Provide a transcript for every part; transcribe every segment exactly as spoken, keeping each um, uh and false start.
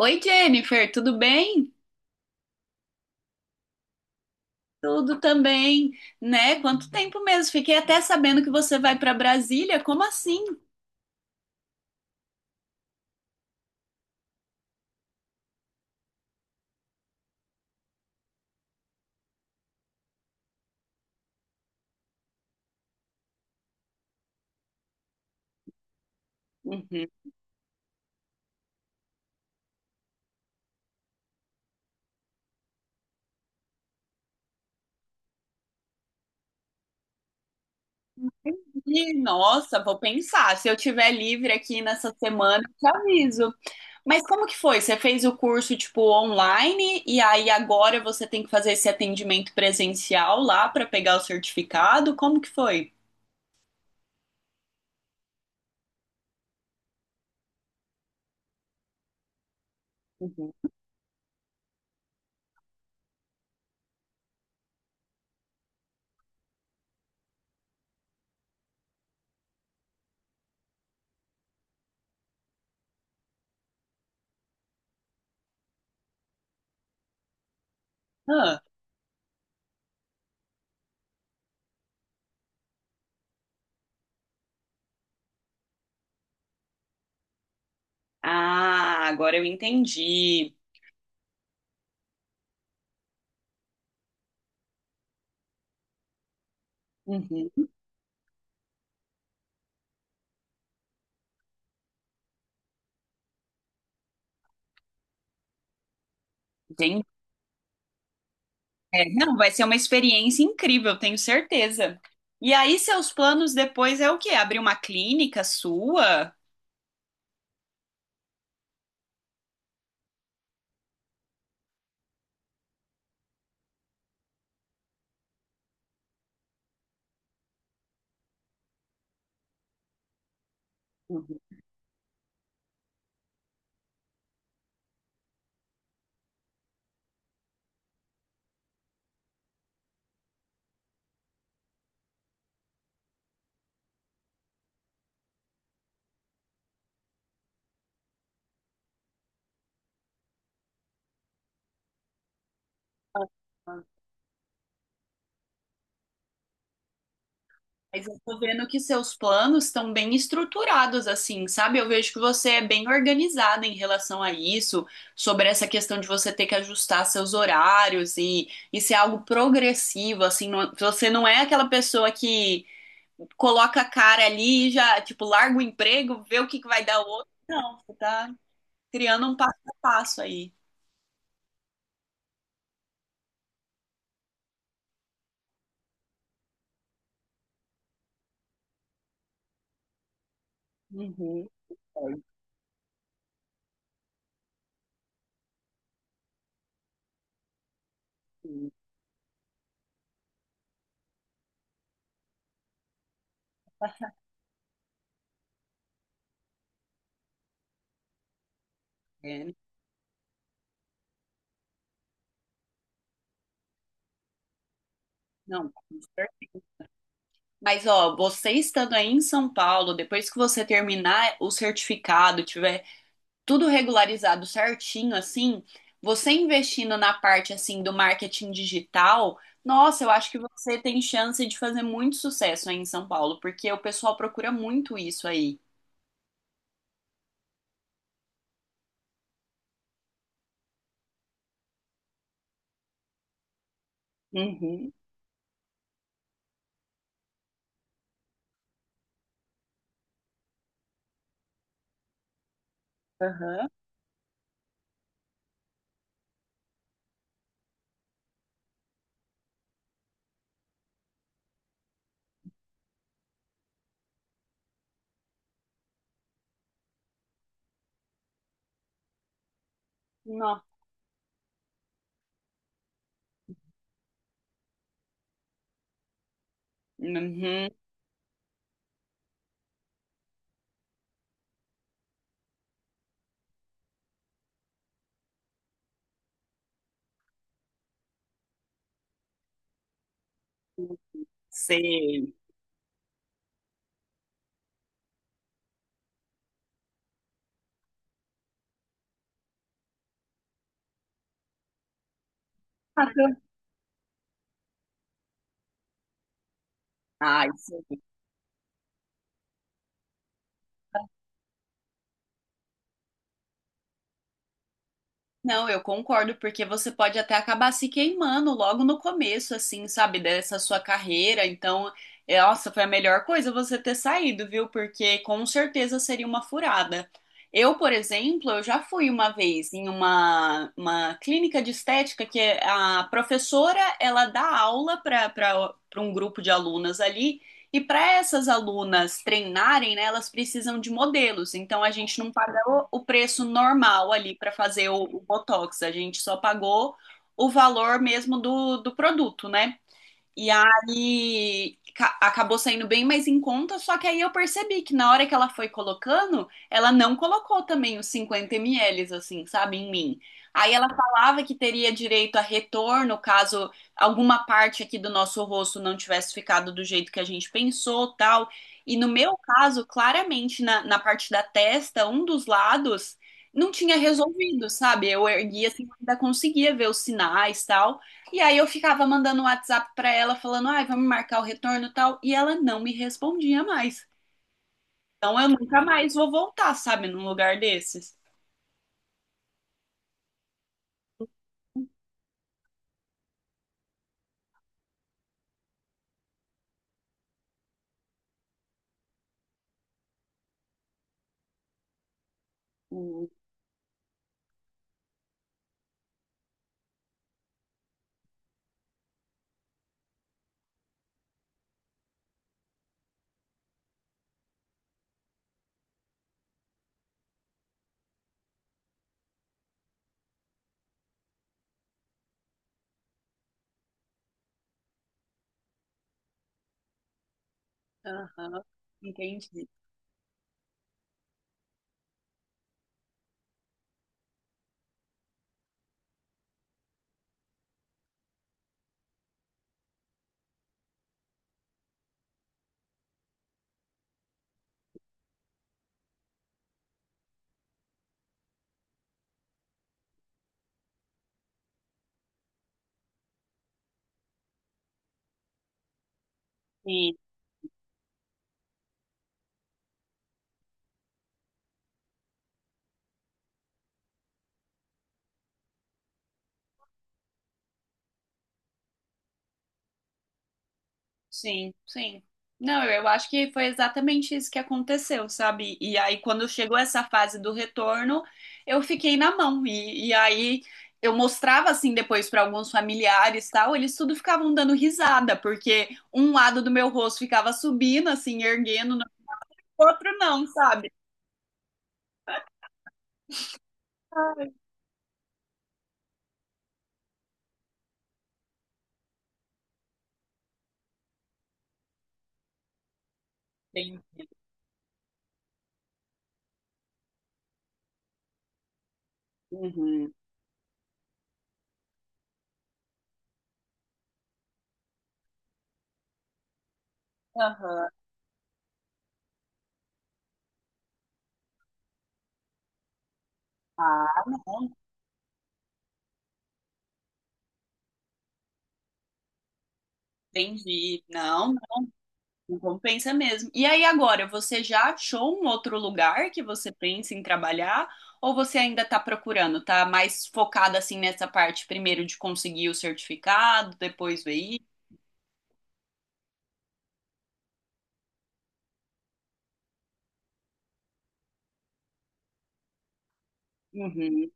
Oi, Jennifer, tudo bem? Tudo também, né? Quanto tempo mesmo? Fiquei até sabendo que você vai para Brasília. Como assim? Uhum. E, nossa, vou pensar. Se eu tiver livre aqui nessa semana, eu te aviso. Mas como que foi? Você fez o curso tipo online e aí agora você tem que fazer esse atendimento presencial lá para pegar o certificado? Como que foi? Uhum. Ah, Ah, agora eu entendi. Uhum. Entendi. É, não, vai ser uma experiência incrível, tenho certeza. E aí, seus planos depois é o quê? Abrir uma clínica sua? Uhum. Mas eu tô vendo que seus planos estão bem estruturados, assim, sabe? Eu vejo que você é bem organizada em relação a isso, sobre essa questão de você ter que ajustar seus horários e isso é algo progressivo, assim, não- você não é aquela pessoa que coloca a cara ali e já, tipo, larga o emprego, vê o que que vai dar o outro. Não, você tá. Criando um passo a passo aí. Uhum, pode sim. É, não, com certeza. Mas, ó, você estando aí em São Paulo, depois que você terminar o certificado, tiver tudo regularizado certinho, assim, você investindo na parte, assim, do marketing digital, nossa, eu acho que você tem chance de fazer muito sucesso aí em São Paulo, porque o pessoal procura muito isso aí. Uhum, aham. Não. Uhum, sei. Ah, tá. Ai, não, eu concordo, porque você pode até acabar se queimando logo no começo, assim, sabe, dessa sua carreira. Então, é, nossa, foi a melhor coisa você ter saído, viu? Porque com certeza seria uma furada. Eu, por exemplo, eu já fui uma vez em uma, uma clínica de estética que a professora, ela dá aula para para um grupo de alunas ali. E para essas alunas treinarem, né, elas precisam de modelos. Então a gente não paga pagou o preço normal ali para fazer o, o Botox, a gente só pagou o valor mesmo do, do produto, né? E aí ca- acabou saindo bem mais em conta, só que aí eu percebi que na hora que ela foi colocando, ela não colocou também os cinquenta mililitros, assim, sabe, em mim. Aí ela falava que teria direito a retorno caso alguma parte aqui do nosso rosto não tivesse ficado do jeito que a gente pensou, tal. E no meu caso, claramente, na, na parte da testa, um dos lados não tinha resolvido, sabe? Eu erguia assim, ainda conseguia ver os sinais, tal. E aí eu ficava mandando um WhatsApp pra ela falando, ai, vamos marcar o retorno e tal, e ela não me respondia mais. Então eu nunca mais vou voltar, sabe, num lugar desses. Hum. Aham, entendi. Sim, sim. Não, eu eu acho que foi exatamente isso que aconteceu, sabe? E aí, quando chegou essa fase do retorno, eu fiquei na mão. E, e aí, eu mostrava assim depois para alguns familiares e tal, eles tudo ficavam dando risada, porque um lado do meu rosto ficava subindo, assim, erguendo, no o outro não, sabe? Sim. Uhum. Aham. Ah, não, entendi. Não. Não compensa mesmo. E aí agora, você já achou um outro lugar que você pensa em trabalhar? Ou você ainda está procurando? Tá mais focada assim nessa parte primeiro de conseguir o certificado, depois ver isso? Uhum.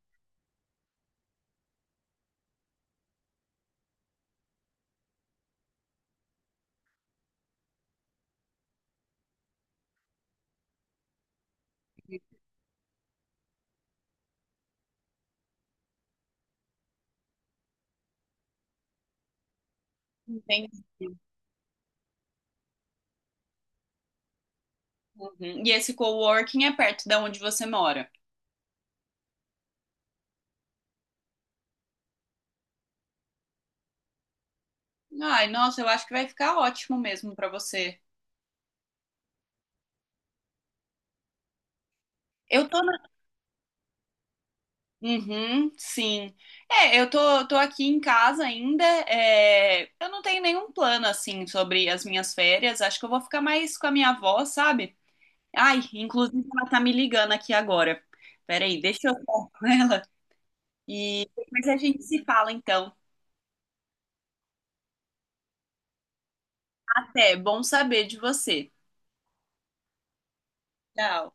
Entendi. Uhum. E esse coworking é perto da onde você mora? Ai, nossa, eu acho que vai ficar ótimo mesmo para você. Eu tô na Uhum, sim. É, eu tô, tô aqui em casa ainda. É, eu não tenho nenhum plano assim sobre as minhas férias. Acho que eu vou ficar mais com a minha avó, sabe? Ai, inclusive ela tá me ligando aqui agora. Peraí, deixa eu falar com ela. E depois a gente se fala, então. Até, bom saber de você. Tchau.